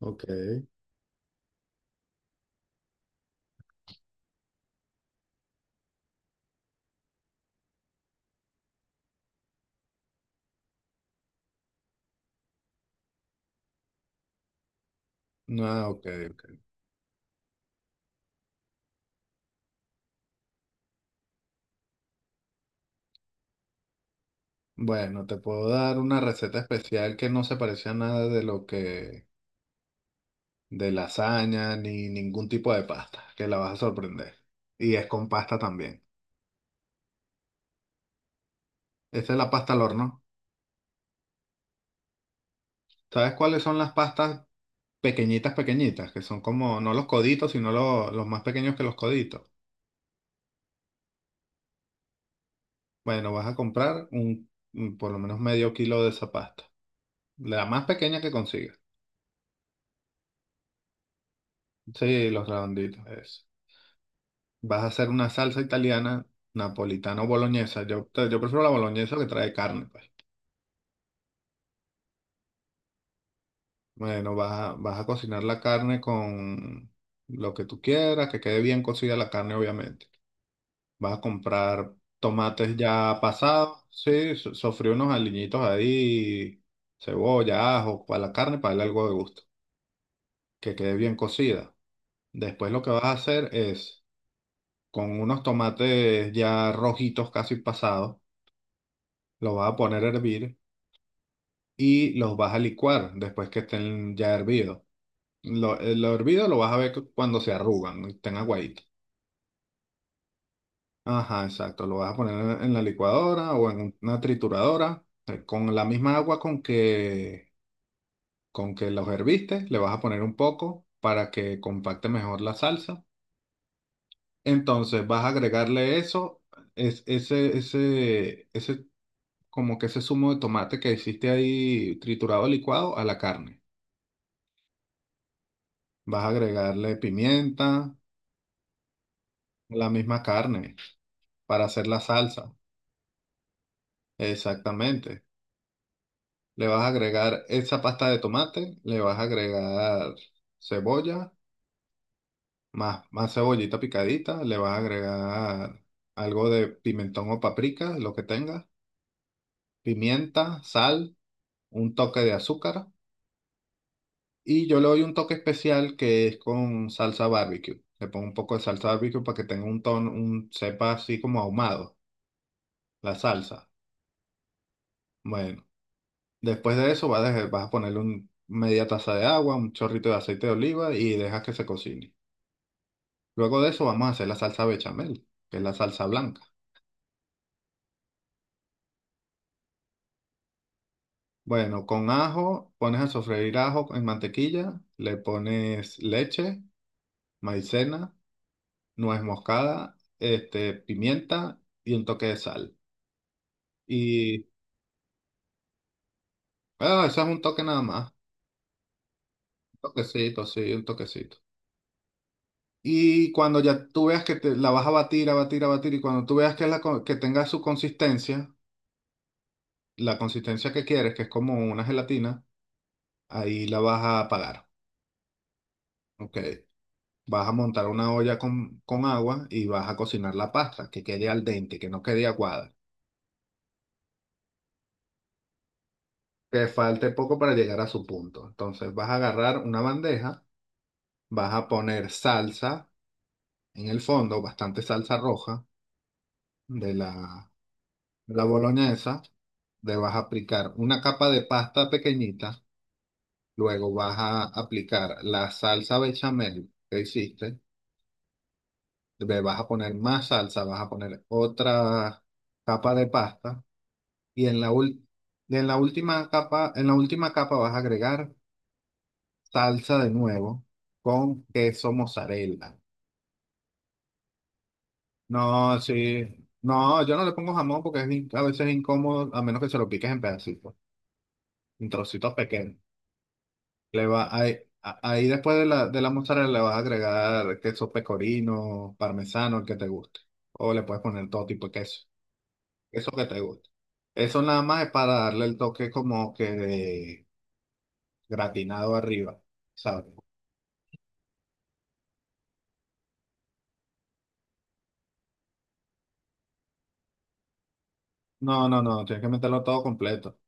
Ok. No, ok, ok. Bueno, te puedo dar una receta especial que no se parece a nada de lasaña ni ningún tipo de pasta, que la vas a sorprender. Y es con pasta también. Esta es la pasta al horno. ¿Sabes cuáles son las pastas pequeñitas? Que son como, no los coditos, sino los más pequeños que los coditos. Bueno, vas a comprar por lo menos medio kilo de esa pasta. La más pequeña que consigas. Sí, los redonditos, eso. Vas a hacer una salsa italiana, napolitana o boloñesa. Yo prefiero la boloñesa que trae carne, pues. Bueno, vas a cocinar la carne con lo que tú quieras, que quede bien cocida la carne, obviamente. Vas a comprar tomates ya pasados, sí, sofrí unos aliñitos ahí, cebolla, ajo, para la carne, para darle algo de gusto, que quede bien cocida. Después lo que vas a hacer es, con unos tomates ya rojitos casi pasados, los vas a poner a hervir y los vas a licuar después que estén ya hervidos. Lo hervido lo vas a ver cuando se arrugan, ¿no? Estén aguaditos. Ajá, exacto. Lo vas a poner en la licuadora o en una trituradora. Con la misma con que los herviste, le vas a poner un poco para que compacte mejor la salsa. Entonces vas a agregarle eso, es, ese, como que ese zumo de tomate que hiciste ahí triturado, licuado, a la carne. Vas a agregarle pimienta. La misma carne para hacer la salsa. Exactamente. Le vas a agregar esa pasta de tomate, le vas a agregar cebolla, más cebollita picadita, le vas a agregar algo de pimentón o paprika, lo que tengas, pimienta, sal, un toque de azúcar, y yo le doy un toque especial que es con salsa barbecue. Le pongo un poco de salsa barbecue para que tenga un tono, un sepa así como ahumado, la salsa. Bueno. Después de eso vas a ponerle media taza de agua, un chorrito de aceite de oliva y dejas que se cocine. Luego de eso vamos a hacer la salsa bechamel, que es la salsa blanca. Bueno, con ajo, pones a sofreír ajo en mantequilla, le pones leche, maicena, nuez moscada, este, pimienta y un toque de sal. Y eso es un toque nada más, un toquecito, sí, un toquecito. Y cuando ya tú veas que te, la vas a batir, a batir, a batir, y cuando tú veas que, que tenga su consistencia, la consistencia que quieres, que es como una gelatina, ahí la vas a apagar. Ok. Vas a montar una olla con agua y vas a cocinar la pasta, que quede al dente, que no quede aguada, que falte poco para llegar a su punto. Entonces vas a agarrar una bandeja, vas a poner salsa en el fondo, bastante salsa roja de la, de la boloñesa, le vas a aplicar una capa de pasta pequeñita, luego vas a aplicar la salsa bechamel que hiciste. Le vas a poner más salsa, vas a poner otra capa de pasta, y en la última capa, en la última capa, vas a agregar salsa de nuevo con queso mozzarella. No, sí, no, yo no le pongo jamón porque es, a veces es incómodo, a menos que se lo piques en pedacitos, en trocitos pequeños. Le va, ahí, a- Ahí después de de la mozzarella le vas a agregar queso pecorino, parmesano, el que te guste. O le puedes poner todo tipo de queso. Eso que te gusta. Eso nada más es para darle el toque como que de gratinado arriba, ¿sabes? No, tienes que meterlo todo completo.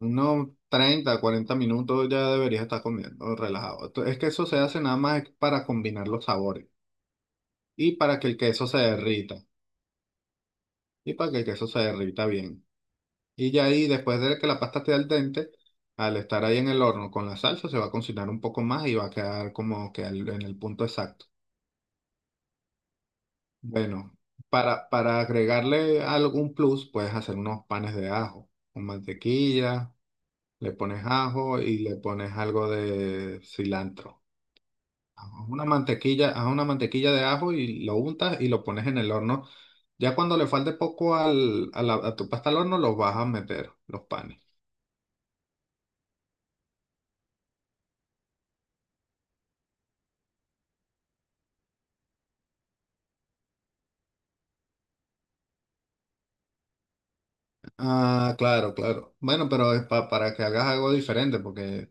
Unos 30-40 minutos ya deberías estar comiendo relajado. Es que eso se hace nada más para combinar los sabores y para que el queso se derrita, bien. Y ya ahí, después de que la pasta esté al dente, al estar ahí en el horno con la salsa, se va a cocinar un poco más y va a quedar como que en el punto exacto. Bueno, para agregarle algún plus, puedes hacer unos panes de ajo con mantequilla, le pones ajo y le pones algo de cilantro. Haz una mantequilla de ajo y lo untas y lo pones en el horno. Ya cuando le falte poco a tu pasta al horno, los vas a meter, los panes. Ah, claro, claro. Bueno, pero es para que hagas algo diferente, porque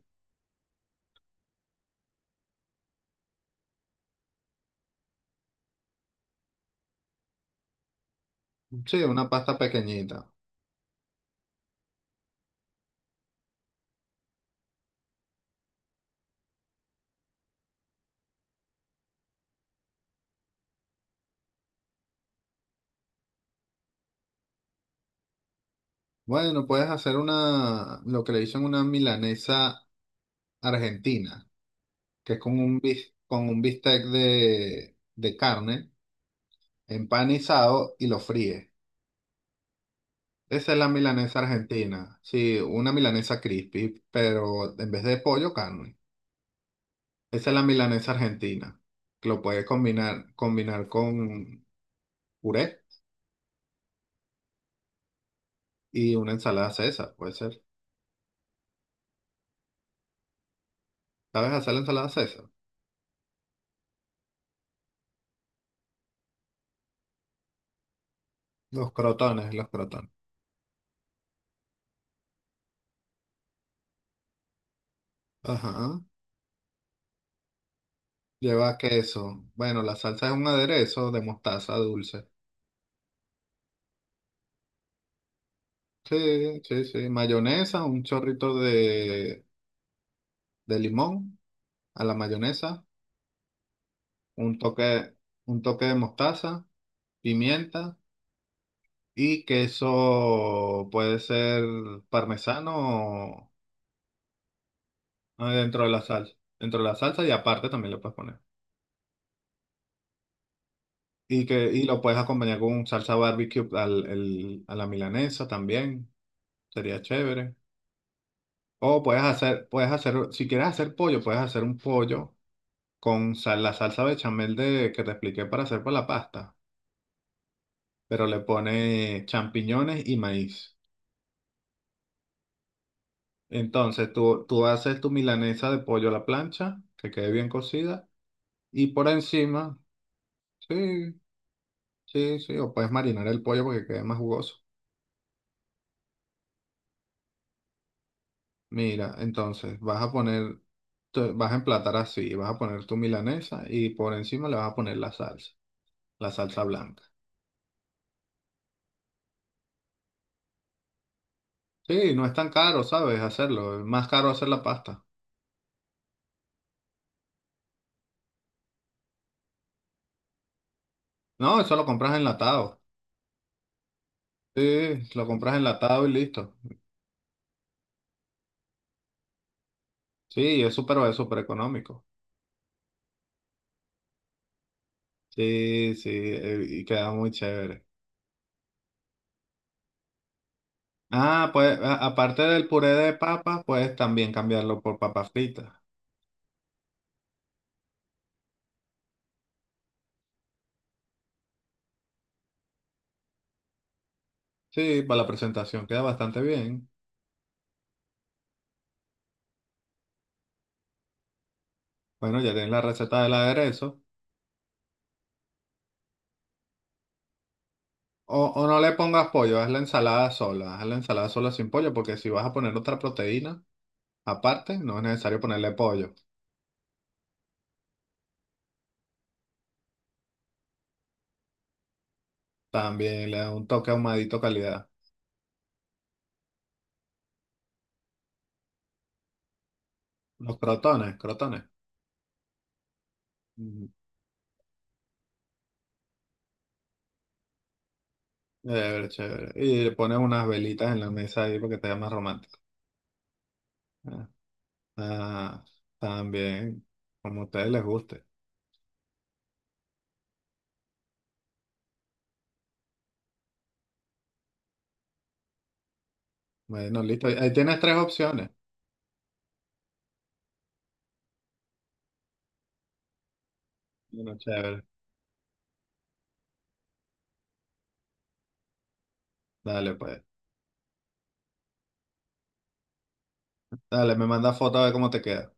sí, una pasta pequeñita. Bueno, puedes hacer una, lo que le dicen una milanesa argentina, que es con un, con un bistec de carne empanizado y lo fríe. Esa es la milanesa argentina. Sí, una milanesa crispy, pero en vez de pollo, carne. Esa es la milanesa argentina, que lo puedes combinar, combinar con puré y una ensalada César, puede ser. ¿Sabes hacer la ensalada César? Los crotones. Ajá. Lleva queso. Bueno, la salsa es un aderezo de mostaza dulce. Sí. Mayonesa, un chorrito de limón a la mayonesa, un toque, un toque de mostaza, pimienta y queso puede ser parmesano. Dentro de la salsa. Dentro de la salsa y aparte también lo puedes poner. Y lo puedes acompañar con salsa barbecue a la milanesa también. Sería chévere. O puedes hacer, si quieres hacer pollo, puedes hacer un pollo con la salsa bechamel que te expliqué para hacer para la pasta, pero le pone champiñones y maíz. Entonces tú haces tu milanesa de pollo a la plancha, que quede bien cocida, y por encima, sí, sí, o puedes marinar el pollo porque quede más jugoso. Mira, entonces vas a poner, vas a emplatar así, vas a poner tu milanesa y por encima le vas a poner la salsa blanca. Sí, no es tan caro, ¿sabes? Hacerlo, es más caro hacer la pasta. No, eso lo compras enlatado. Sí, lo compras enlatado y listo. Es súper económico. Sí, sí, y queda muy chévere. Ah, pues aparte del puré de papa, puedes también cambiarlo por papas fritas. Sí, para la presentación queda bastante bien. Bueno, ya tienes la receta del aderezo. O no le pongas pollo, haz la ensalada sola, haz la ensalada sola sin pollo, porque si vas a poner otra proteína aparte, no es necesario ponerle pollo. También le da un toque ahumadito calidad. Los crotones. Chévere. Y le pones unas velitas en la mesa ahí porque te vea más romántico. Ah, ah, también, como a ustedes les guste. Bueno, listo. Ahí tienes tres opciones. Bueno, chévere. Dale, pues. Dale, me manda foto a ver cómo te queda.